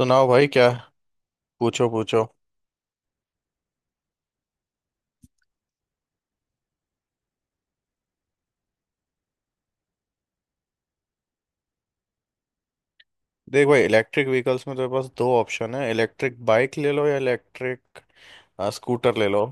सुनाओ भाई, क्या? पूछो पूछो। देख भाई इलेक्ट्रिक व्हीकल्स में तेरे पास दो ऑप्शन है, इलेक्ट्रिक बाइक ले लो या इलेक्ट्रिक स्कूटर ले लो।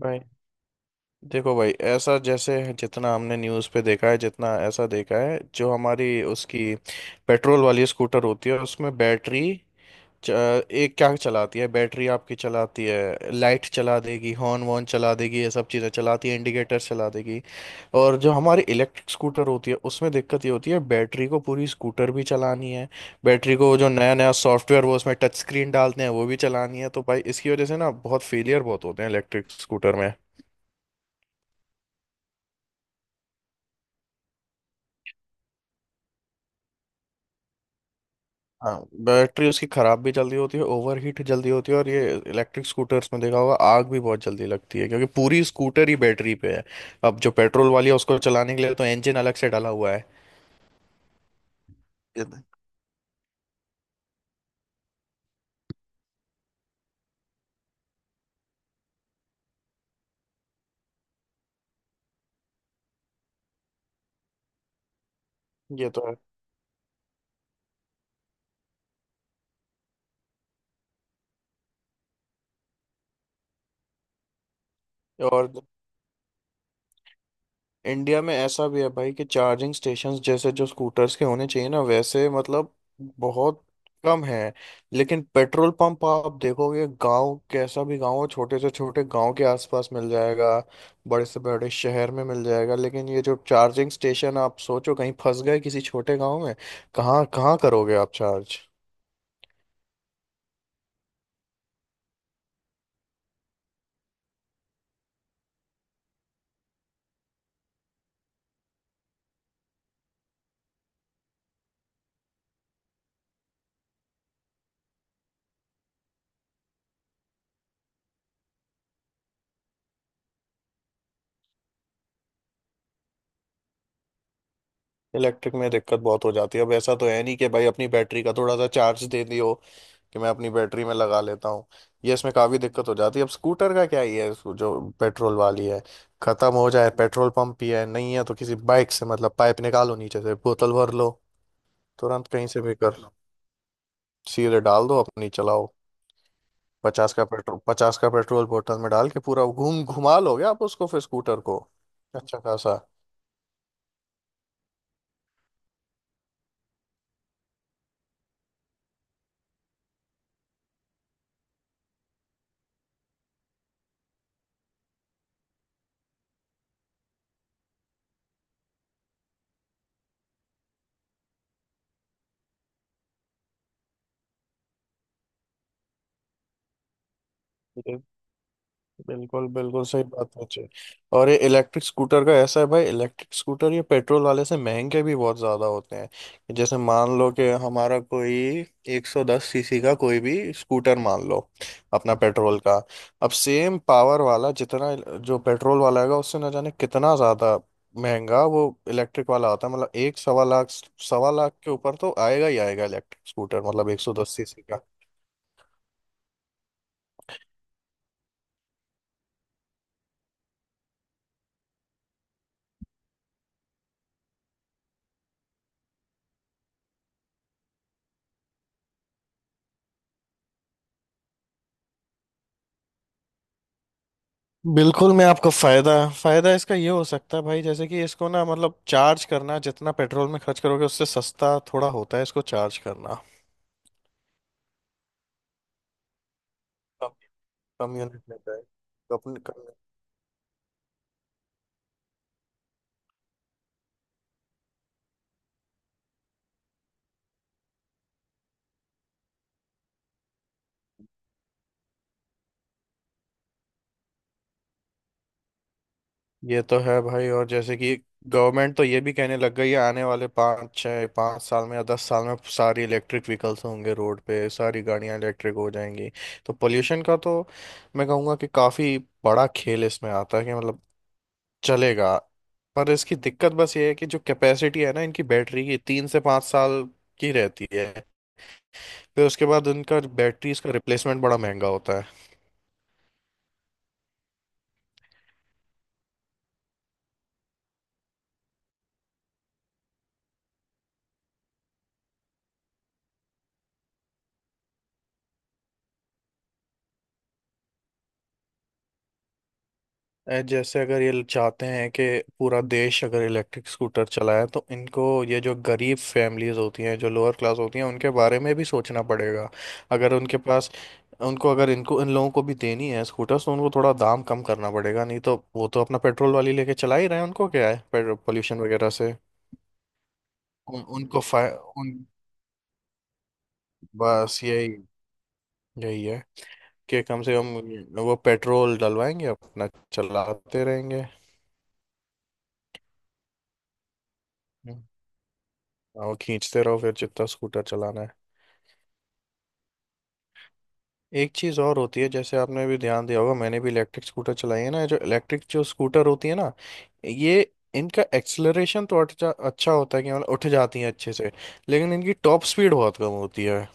भाई देखो भाई, ऐसा जैसे जितना हमने न्यूज़ पे देखा है, जितना ऐसा देखा है, जो हमारी उसकी पेट्रोल वाली स्कूटर होती है उसमें बैटरी एक क्या चलाती है, बैटरी आपकी चलाती है, लाइट चला देगी, हॉर्न वॉर्न चला देगी, ये सब चीज़ें चलाती है, इंडिकेटर चला देगी। और जो हमारी इलेक्ट्रिक स्कूटर होती है उसमें दिक्कत ये होती है, बैटरी को पूरी स्कूटर भी चलानी है, बैटरी को जो नया नया सॉफ्टवेयर वो उसमें टच स्क्रीन डालते हैं वो भी चलानी है, तो भाई इसकी वजह से ना बहुत फेलियर बहुत होते हैं इलेक्ट्रिक स्कूटर में। हाँ, बैटरी उसकी खराब भी जल्दी होती है, ओवर हीट जल्दी होती है, और ये इलेक्ट्रिक स्कूटर्स में देखा होगा आग भी बहुत जल्दी लगती है, क्योंकि पूरी स्कूटर ही बैटरी पे है। अब जो पेट्रोल वाली है उसको चलाने के लिए तो इंजन अलग से डाला हुआ है। ये तो- ये तो है। और इंडिया में ऐसा भी है भाई कि चार्जिंग स्टेशंस जैसे जो स्कूटर्स के होने चाहिए ना, वैसे मतलब बहुत कम है। लेकिन पेट्रोल पंप आप देखोगे, गांव कैसा भी गांव हो, छोटे से छोटे गांव के आसपास मिल जाएगा, बड़े से बड़े शहर में मिल जाएगा। लेकिन ये जो चार्जिंग स्टेशन, आप सोचो कहीं फंस गए किसी छोटे गांव में, कहाँ कहाँ करोगे आप चार्ज? इलेक्ट्रिक में दिक्कत बहुत हो जाती है। अब ऐसा तो है नहीं कि भाई अपनी बैटरी का थोड़ा सा चार्ज दे दियो कि मैं अपनी बैटरी में लगा लेता हूँ। ये इसमें काफ़ी दिक्कत हो जाती है। अब स्कूटर का क्या ही है, इसको जो पेट्रोल वाली है ख़त्म हो जाए, पेट्रोल पंप ही है नहीं है तो किसी बाइक से मतलब पाइप निकालो, नीचे से बोतल भर लो, तुरंत कहीं से भी कर लो, सीधे डाल दो, अपनी चलाओ। 50 का पेट्रोल, 50 का पेट्रोल बोतल में डाल के पूरा घूम घुमा लोगे आप उसको, फिर स्कूटर को अच्छा खासा। बिल्कुल बिल्कुल सही बात है जी। और ये इलेक्ट्रिक स्कूटर का ऐसा है भाई, इलेक्ट्रिक स्कूटर ये पेट्रोल वाले से महंगे भी बहुत ज़्यादा होते हैं। जैसे मान लो कि हमारा कोई 110 सीसी का कोई भी स्कूटर मान लो, अपना पेट्रोल का, अब सेम पावर वाला जितना, जो पेट्रोल वाला है उससे ना जाने कितना ज़्यादा महंगा वो इलेक्ट्रिक वाला होता है। मतलब एक 1.25 लाख, 1.25 लाख के ऊपर तो आएगा ही आएगा इलेक्ट्रिक स्कूटर, मतलब 110 सीसी। बिल्कुल, मैं आपको फायदा, फायदा इसका ये हो सकता है भाई, जैसे कि इसको ना मतलब चार्ज करना, जितना पेट्रोल में खर्च करोगे उससे सस्ता थोड़ा होता है इसको चार्ज करना, कम, कम यूनिट लेता है, तो अपने कम। ये तो है भाई। और जैसे कि गवर्नमेंट तो ये भी कहने लग गई है आने वाले पाँच छः, पाँच साल में या 10 साल में सारी इलेक्ट्रिक व्हीकल्स होंगे, रोड पे सारी गाड़ियां इलेक्ट्रिक हो जाएंगी। तो पोल्यूशन का तो मैं कहूँगा कि काफ़ी बड़ा खेल इसमें आता है, कि मतलब चलेगा। पर इसकी दिक्कत बस ये है कि जो कैपेसिटी है ना इनकी बैटरी की, 3 से 5 साल की रहती है, फिर उसके बाद इनका बैटरी इसका रिप्लेसमेंट बड़ा महंगा होता है। जैसे अगर ये चाहते हैं कि पूरा देश अगर इलेक्ट्रिक स्कूटर चलाए, तो इनको ये जो गरीब फैमिलीज होती हैं, जो लोअर क्लास होती हैं, उनके बारे में भी सोचना पड़ेगा। अगर उनके पास, उनको अगर इनको इन लोगों को भी देनी है स्कूटर, तो उनको थोड़ा दाम कम करना पड़ेगा, नहीं तो वो तो अपना पेट्रोल वाली लेके चला ही रहे हैं, उनको क्या है पेट्रोल पोल्यूशन वगैरह से। उन, उनको फाय उन बस यही यही है कि कम से कम वो पेट्रोल डलवाएंगे अपना, चलाते रहेंगे। हम्म। और खींचते रहो फिर जितना स्कूटर चलाना है। एक चीज़ और होती है, जैसे आपने भी ध्यान दिया होगा, मैंने भी इलेक्ट्रिक स्कूटर चलाई है ना। जो इलेक्ट्रिक जो स्कूटर होती है ना, ये इनका एक्सेलरेशन तो अच्छा अच्छा होता है, कि मतलब उठ जाती है अच्छे से, लेकिन इनकी टॉप स्पीड बहुत कम होती है।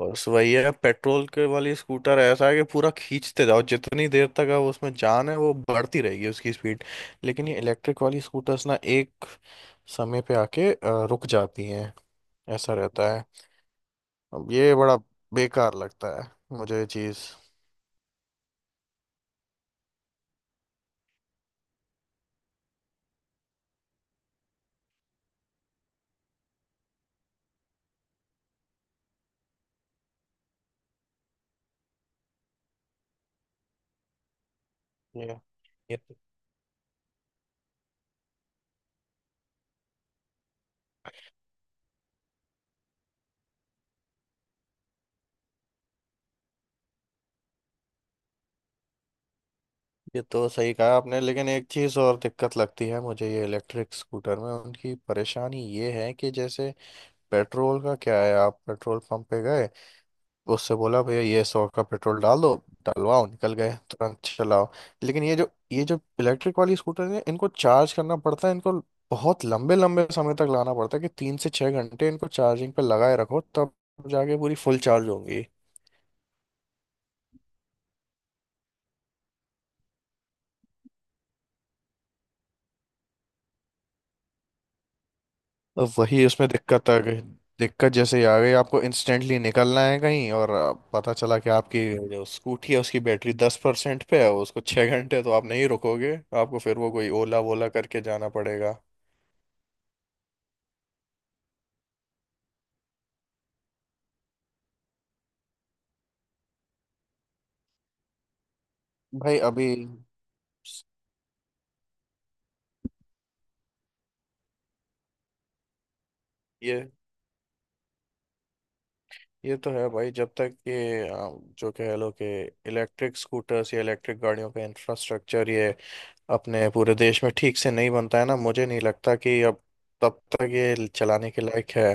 बस वही है, पेट्रोल के वाली स्कूटर ऐसा है कि पूरा खींचते जाओ, जितनी देर तक अब उसमें जान है वो बढ़ती रहेगी उसकी स्पीड। लेकिन ये इलेक्ट्रिक वाली स्कूटर्स ना एक समय पे आके रुक जाती हैं, ऐसा रहता है। अब ये बड़ा बेकार लगता है मुझे ये चीज़। ये ये तो ये तो सही कहा आपने। लेकिन एक चीज़ और दिक्कत लगती है मुझे ये इलेक्ट्रिक स्कूटर में, उनकी परेशानी ये है कि जैसे पेट्रोल का क्या है, आप पेट्रोल पंप पे गए, उससे बोला भैया ये 100 का पेट्रोल डाल दो, डलवाओ, निकल गए तुरंत चलाओ। लेकिन ये जो इलेक्ट्रिक वाली स्कूटर है, इनको चार्ज करना पड़ता है, इनको बहुत लंबे लंबे समय तक लाना पड़ता है, कि 3 से 6 घंटे इनको चार्जिंग पे लगाए रखो, तब जाके पूरी फुल चार्ज होंगी। तो वही उसमें दिक्कत आ गई, दिक्कत जैसे ही आ गई आपको इंस्टेंटली निकलना है कहीं, और पता चला कि आपकी जो स्कूटी है उसकी बैटरी 10% पे है, उसको 6 घंटे तो आप नहीं रुकोगे, आपको फिर वो कोई ओला वोला करके जाना पड़ेगा। भाई अभी, ये ये तो है भाई। जब तक ये जो कह लो कि इलेक्ट्रिक स्कूटर्स या इलेक्ट्रिक गाड़ियों का इंफ्रास्ट्रक्चर ये अपने पूरे देश में ठीक से नहीं बनता है ना, मुझे नहीं लगता कि अब तब तक ये चलाने के लायक है।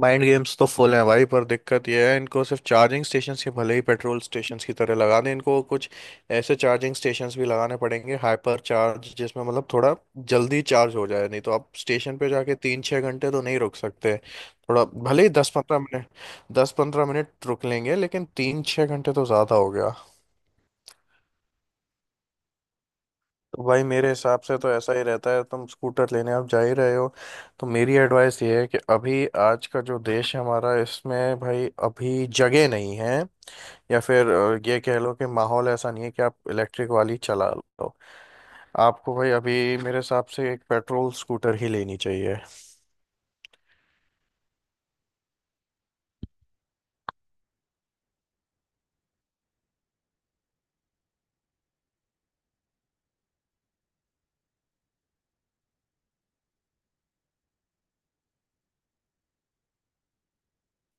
माइंड गेम्स तो फुल हैं भाई, पर दिक्कत यह है इनको सिर्फ चार्जिंग स्टेशंस के भले ही पेट्रोल स्टेशंस की तरह लगा दें, इनको कुछ ऐसे चार्जिंग स्टेशंस भी लगाने पड़ेंगे हाइपर चार्ज, जिसमें मतलब थोड़ा जल्दी चार्ज हो जाए, नहीं तो आप स्टेशन पे जाके 3-6 घंटे तो नहीं रुक सकते। थोड़ा भले ही 10-15 मिनट, 10-15 मिनट रुक लेंगे, लेकिन 3-6 घंटे तो ज़्यादा हो गया। तो भाई मेरे हिसाब से तो ऐसा ही रहता है, तुम स्कूटर लेने आप जा ही रहे हो, तो मेरी एडवाइस ये है कि अभी आज का जो देश है हमारा इसमें भाई अभी जगह नहीं है, या फिर ये कह लो कि माहौल ऐसा नहीं है कि आप इलेक्ट्रिक वाली चला लो। आपको भाई अभी मेरे हिसाब से एक पेट्रोल स्कूटर ही लेनी चाहिए।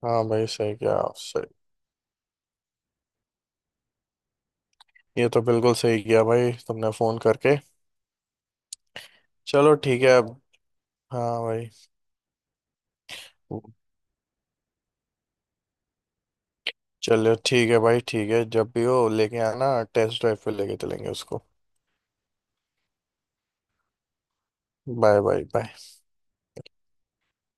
हाँ भाई, सही किया सही, ये तो बिल्कुल सही किया भाई तुमने फ़ोन करके। चलो ठीक है अब। हाँ भाई। चलो ठीक है भाई, ठीक है जब भी हो लेके आना, टेस्ट ड्राइव पे लेके चलेंगे उसको। Bye bye bye.